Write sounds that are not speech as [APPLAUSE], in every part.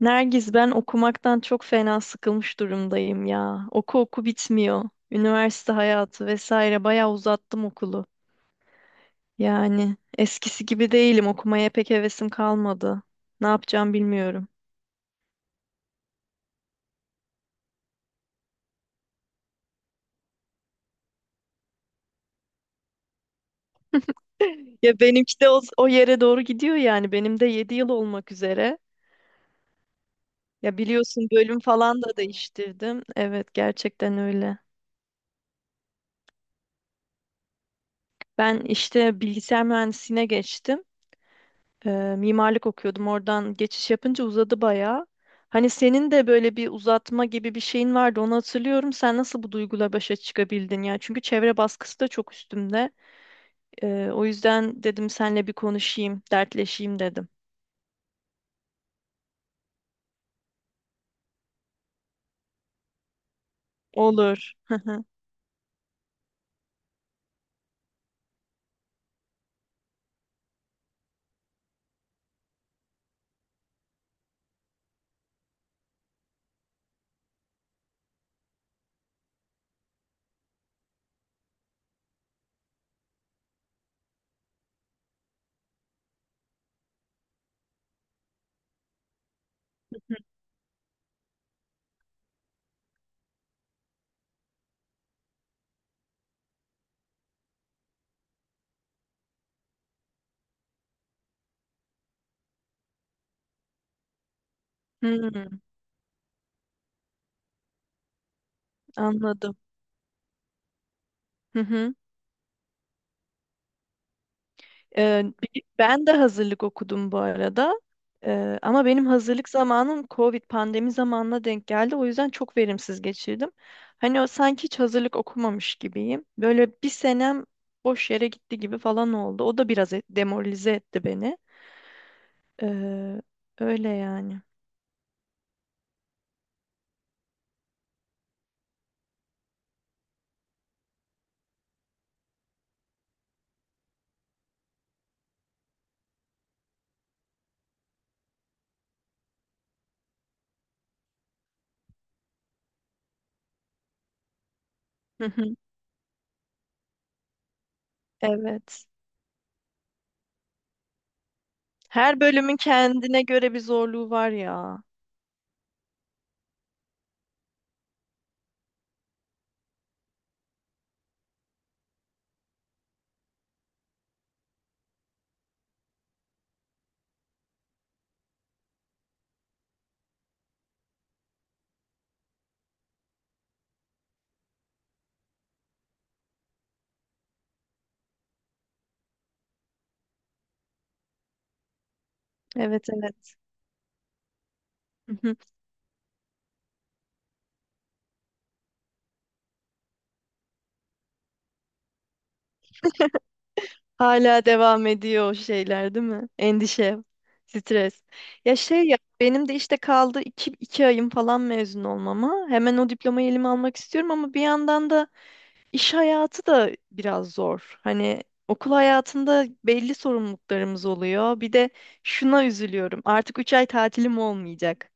Nergiz ben okumaktan çok fena sıkılmış durumdayım ya. Oku oku bitmiyor. Üniversite hayatı vesaire bayağı uzattım okulu. Yani eskisi gibi değilim. Okumaya pek hevesim kalmadı. Ne yapacağım bilmiyorum. [LAUGHS] Ya benimki de o yere doğru gidiyor yani. Benim de 7 yıl olmak üzere. Ya biliyorsun bölüm falan da değiştirdim. Evet gerçekten öyle. Ben işte bilgisayar mühendisliğine geçtim. Mimarlık okuyordum. Oradan geçiş yapınca uzadı bayağı. Hani senin de böyle bir uzatma gibi bir şeyin vardı. Onu hatırlıyorum. Sen nasıl bu duyguyla başa çıkabildin ya? Çünkü çevre baskısı da çok üstümde. O yüzden dedim senle bir konuşayım, dertleşeyim dedim. Olur. [LAUGHS] Hmm, anladım. [LAUGHS] Ee, Ben de hazırlık okudum bu arada. Ama benim hazırlık zamanım Covid pandemi zamanına denk geldi. O yüzden çok verimsiz geçirdim. Hani o sanki hiç hazırlık okumamış gibiyim. Böyle bir senem boş yere gitti gibi falan oldu. O da biraz demoralize etti beni. Ee, Öyle yani. Hı hı. Evet. Her bölümün kendine göre bir zorluğu var ya. Evet evet. Hı hı. Hala devam ediyor o şeyler değil mi? Endişe, stres. Ya şey ya benim de işte kaldı iki ayım falan mezun olmama. Hemen o diplomayı elime almak istiyorum ama bir yandan da iş hayatı da biraz zor. Hani okul hayatında belli sorumluluklarımız oluyor. Bir de şuna üzülüyorum. Artık 3 ay tatilim olmayacak.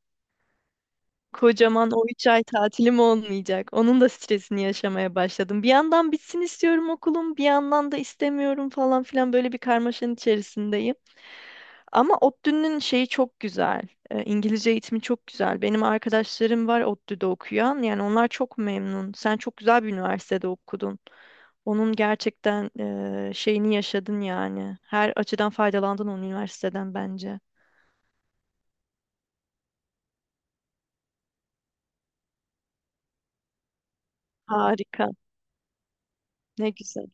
Kocaman o 3 ay tatilim olmayacak. Onun da stresini yaşamaya başladım. Bir yandan bitsin istiyorum okulum, bir yandan da istemiyorum falan filan böyle bir karmaşanın içerisindeyim. Ama ODTÜ'nün şeyi çok güzel. İngilizce eğitimi çok güzel. Benim arkadaşlarım var ODTÜ'de okuyan. Yani onlar çok memnun. Sen çok güzel bir üniversitede okudun. Onun gerçekten şeyini yaşadın yani. Her açıdan faydalandın onun üniversiteden bence. Harika. Ne güzel.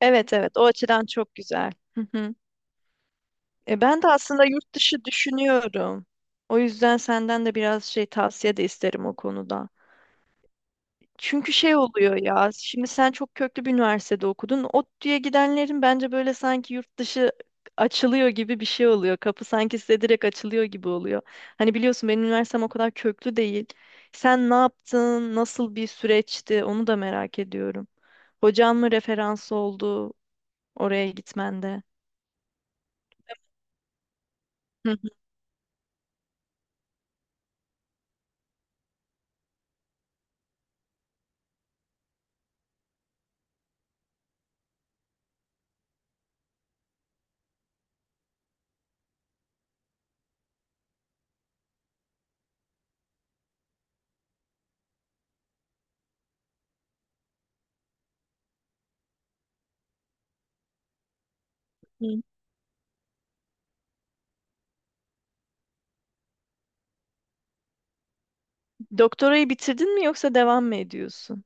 Evet evet o açıdan çok güzel. [LAUGHS] E ben de aslında yurt dışı düşünüyorum. O yüzden senden de biraz şey tavsiye de isterim o konuda. Çünkü şey oluyor ya, şimdi sen çok köklü bir üniversitede okudun. ODTÜ'ye gidenlerin bence böyle sanki yurt dışı açılıyor gibi bir şey oluyor. Kapı sanki size direkt açılıyor gibi oluyor. Hani biliyorsun benim üniversitem o kadar köklü değil. Sen ne yaptın, nasıl bir süreçti onu da merak ediyorum. Hocan mı referans oldu oraya gitmende? Hı hı. Doktorayı bitirdin mi yoksa devam mı ediyorsun?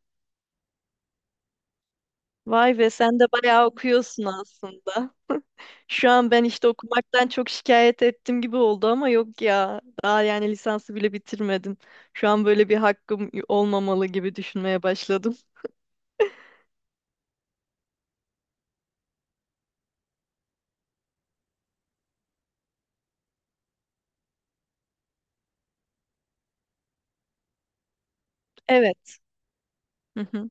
Vay be sen de bayağı okuyorsun aslında. Şu an ben işte okumaktan çok şikayet ettim gibi oldu ama yok ya. Daha yani lisansı bile bitirmedim. Şu an böyle bir hakkım olmamalı gibi düşünmeye başladım. Evet. Hı hı.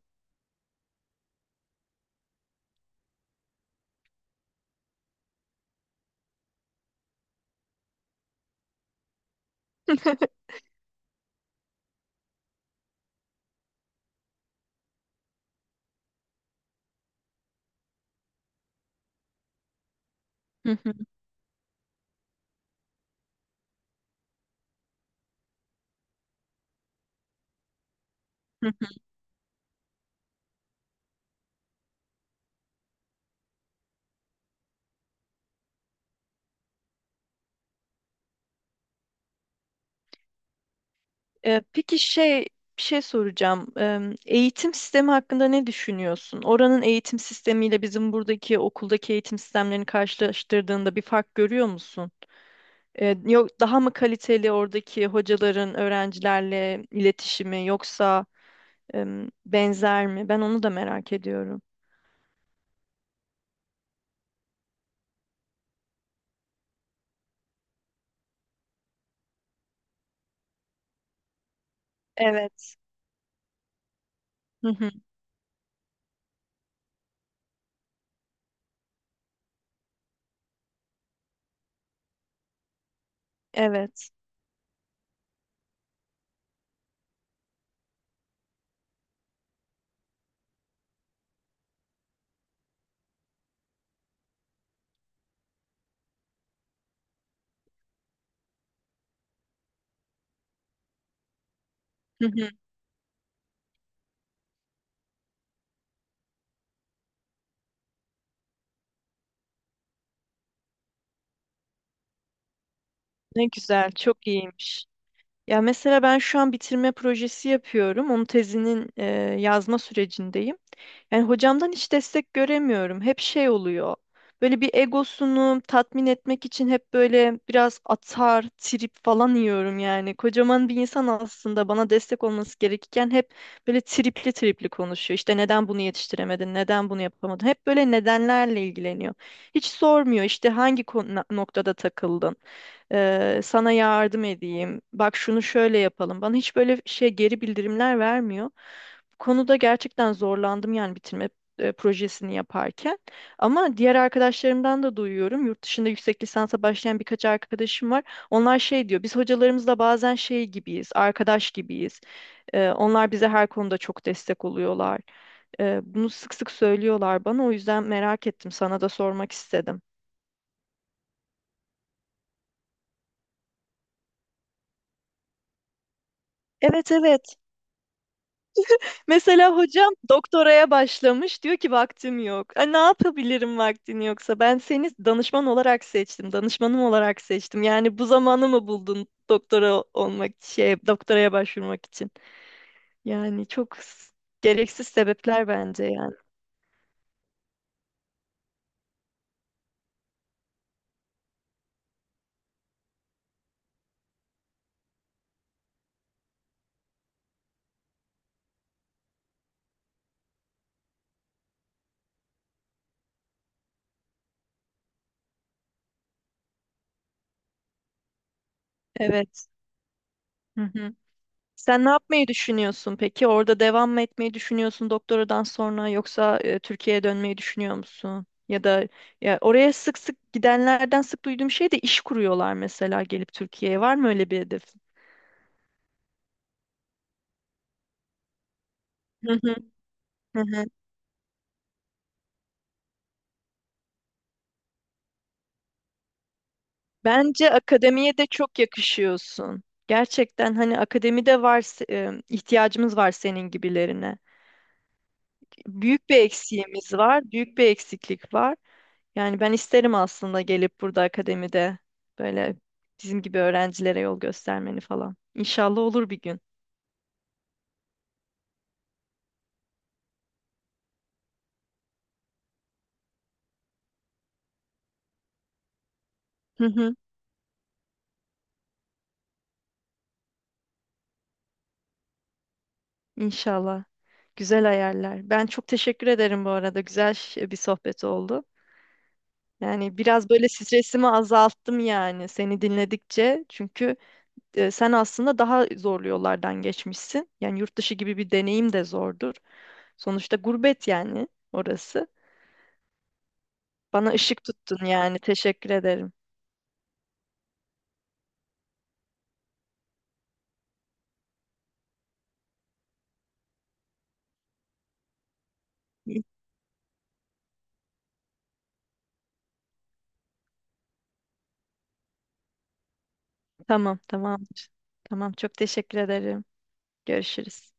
Hı hı, hı hı. Peki şey bir şey soracağım. Eğitim sistemi hakkında ne düşünüyorsun? Oranın eğitim sistemiyle bizim buradaki okuldaki eğitim sistemlerini karşılaştırdığında bir fark görüyor musun? Yok daha mı kaliteli oradaki hocaların öğrencilerle iletişimi yoksa benzer mi? Ben onu da merak ediyorum. Evet. Hı hı, evet. Hı hı. Ne güzel, çok iyiymiş. Ya mesela ben şu an bitirme projesi yapıyorum. Onun tezinin yazma sürecindeyim. Yani hocamdan hiç destek göremiyorum. Hep şey oluyor. Böyle bir egosunu tatmin etmek için hep böyle biraz atar, trip falan yiyorum yani. Kocaman bir insan aslında bana destek olması gerekirken hep böyle tripli tripli konuşuyor. İşte neden bunu yetiştiremedin, neden bunu yapamadın? Hep böyle nedenlerle ilgileniyor. Hiç sormuyor işte hangi noktada takıldın, sana yardım edeyim, bak şunu şöyle yapalım. Bana hiç böyle şey geri bildirimler vermiyor konuda gerçekten zorlandım yani bitirme projesini yaparken. Ama diğer arkadaşlarımdan da duyuyorum. Yurt dışında yüksek lisansa başlayan birkaç arkadaşım var. Onlar şey diyor, biz hocalarımızla bazen şey gibiyiz, arkadaş gibiyiz. Onlar bize her konuda çok destek oluyorlar. Bunu sık sık söylüyorlar bana. O yüzden merak ettim, sana da sormak istedim. Evet evet. Mesela hocam doktoraya başlamış diyor ki vaktim yok. Ne yapabilirim vaktin yoksa? Ben seni danışman olarak seçtim, danışmanım olarak seçtim. Yani bu zamanı mı buldun doktora olmak, şey, doktoraya başvurmak için? Yani çok gereksiz sebepler bence yani. Evet. Hı hı. Sen ne yapmayı düşünüyorsun peki? Orada devam mı etmeyi düşünüyorsun doktoradan sonra yoksa Türkiye'ye dönmeyi düşünüyor musun? Ya da ya oraya sık sık gidenlerden sık duyduğum şey de iş kuruyorlar mesela gelip Türkiye'ye. Var mı öyle bir hedef? Hı hı, hı hı. Bence akademiye de çok yakışıyorsun. Gerçekten hani akademide var ihtiyacımız var senin gibilerine. Büyük bir eksiğimiz var, büyük bir eksiklik var. Yani ben isterim aslında gelip burada akademide böyle bizim gibi öğrencilere yol göstermeni falan. İnşallah olur bir gün. Hı hı, İnşallah. Güzel hayaller. Ben çok teşekkür ederim bu arada. Güzel bir sohbet oldu. Yani biraz böyle stresimi azalttım yani seni dinledikçe. Çünkü sen aslında daha zorlu yollardan geçmişsin. Yani yurt dışı gibi bir deneyim de zordur. Sonuçta gurbet yani orası. Bana ışık tuttun yani. Teşekkür ederim. Tamam, tamamdır. Tamam, çok teşekkür ederim. Görüşürüz.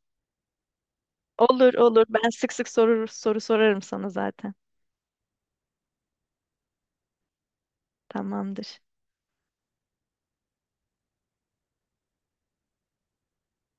Olur, olur. Ben sık sık soru sorarım sana zaten. Tamamdır.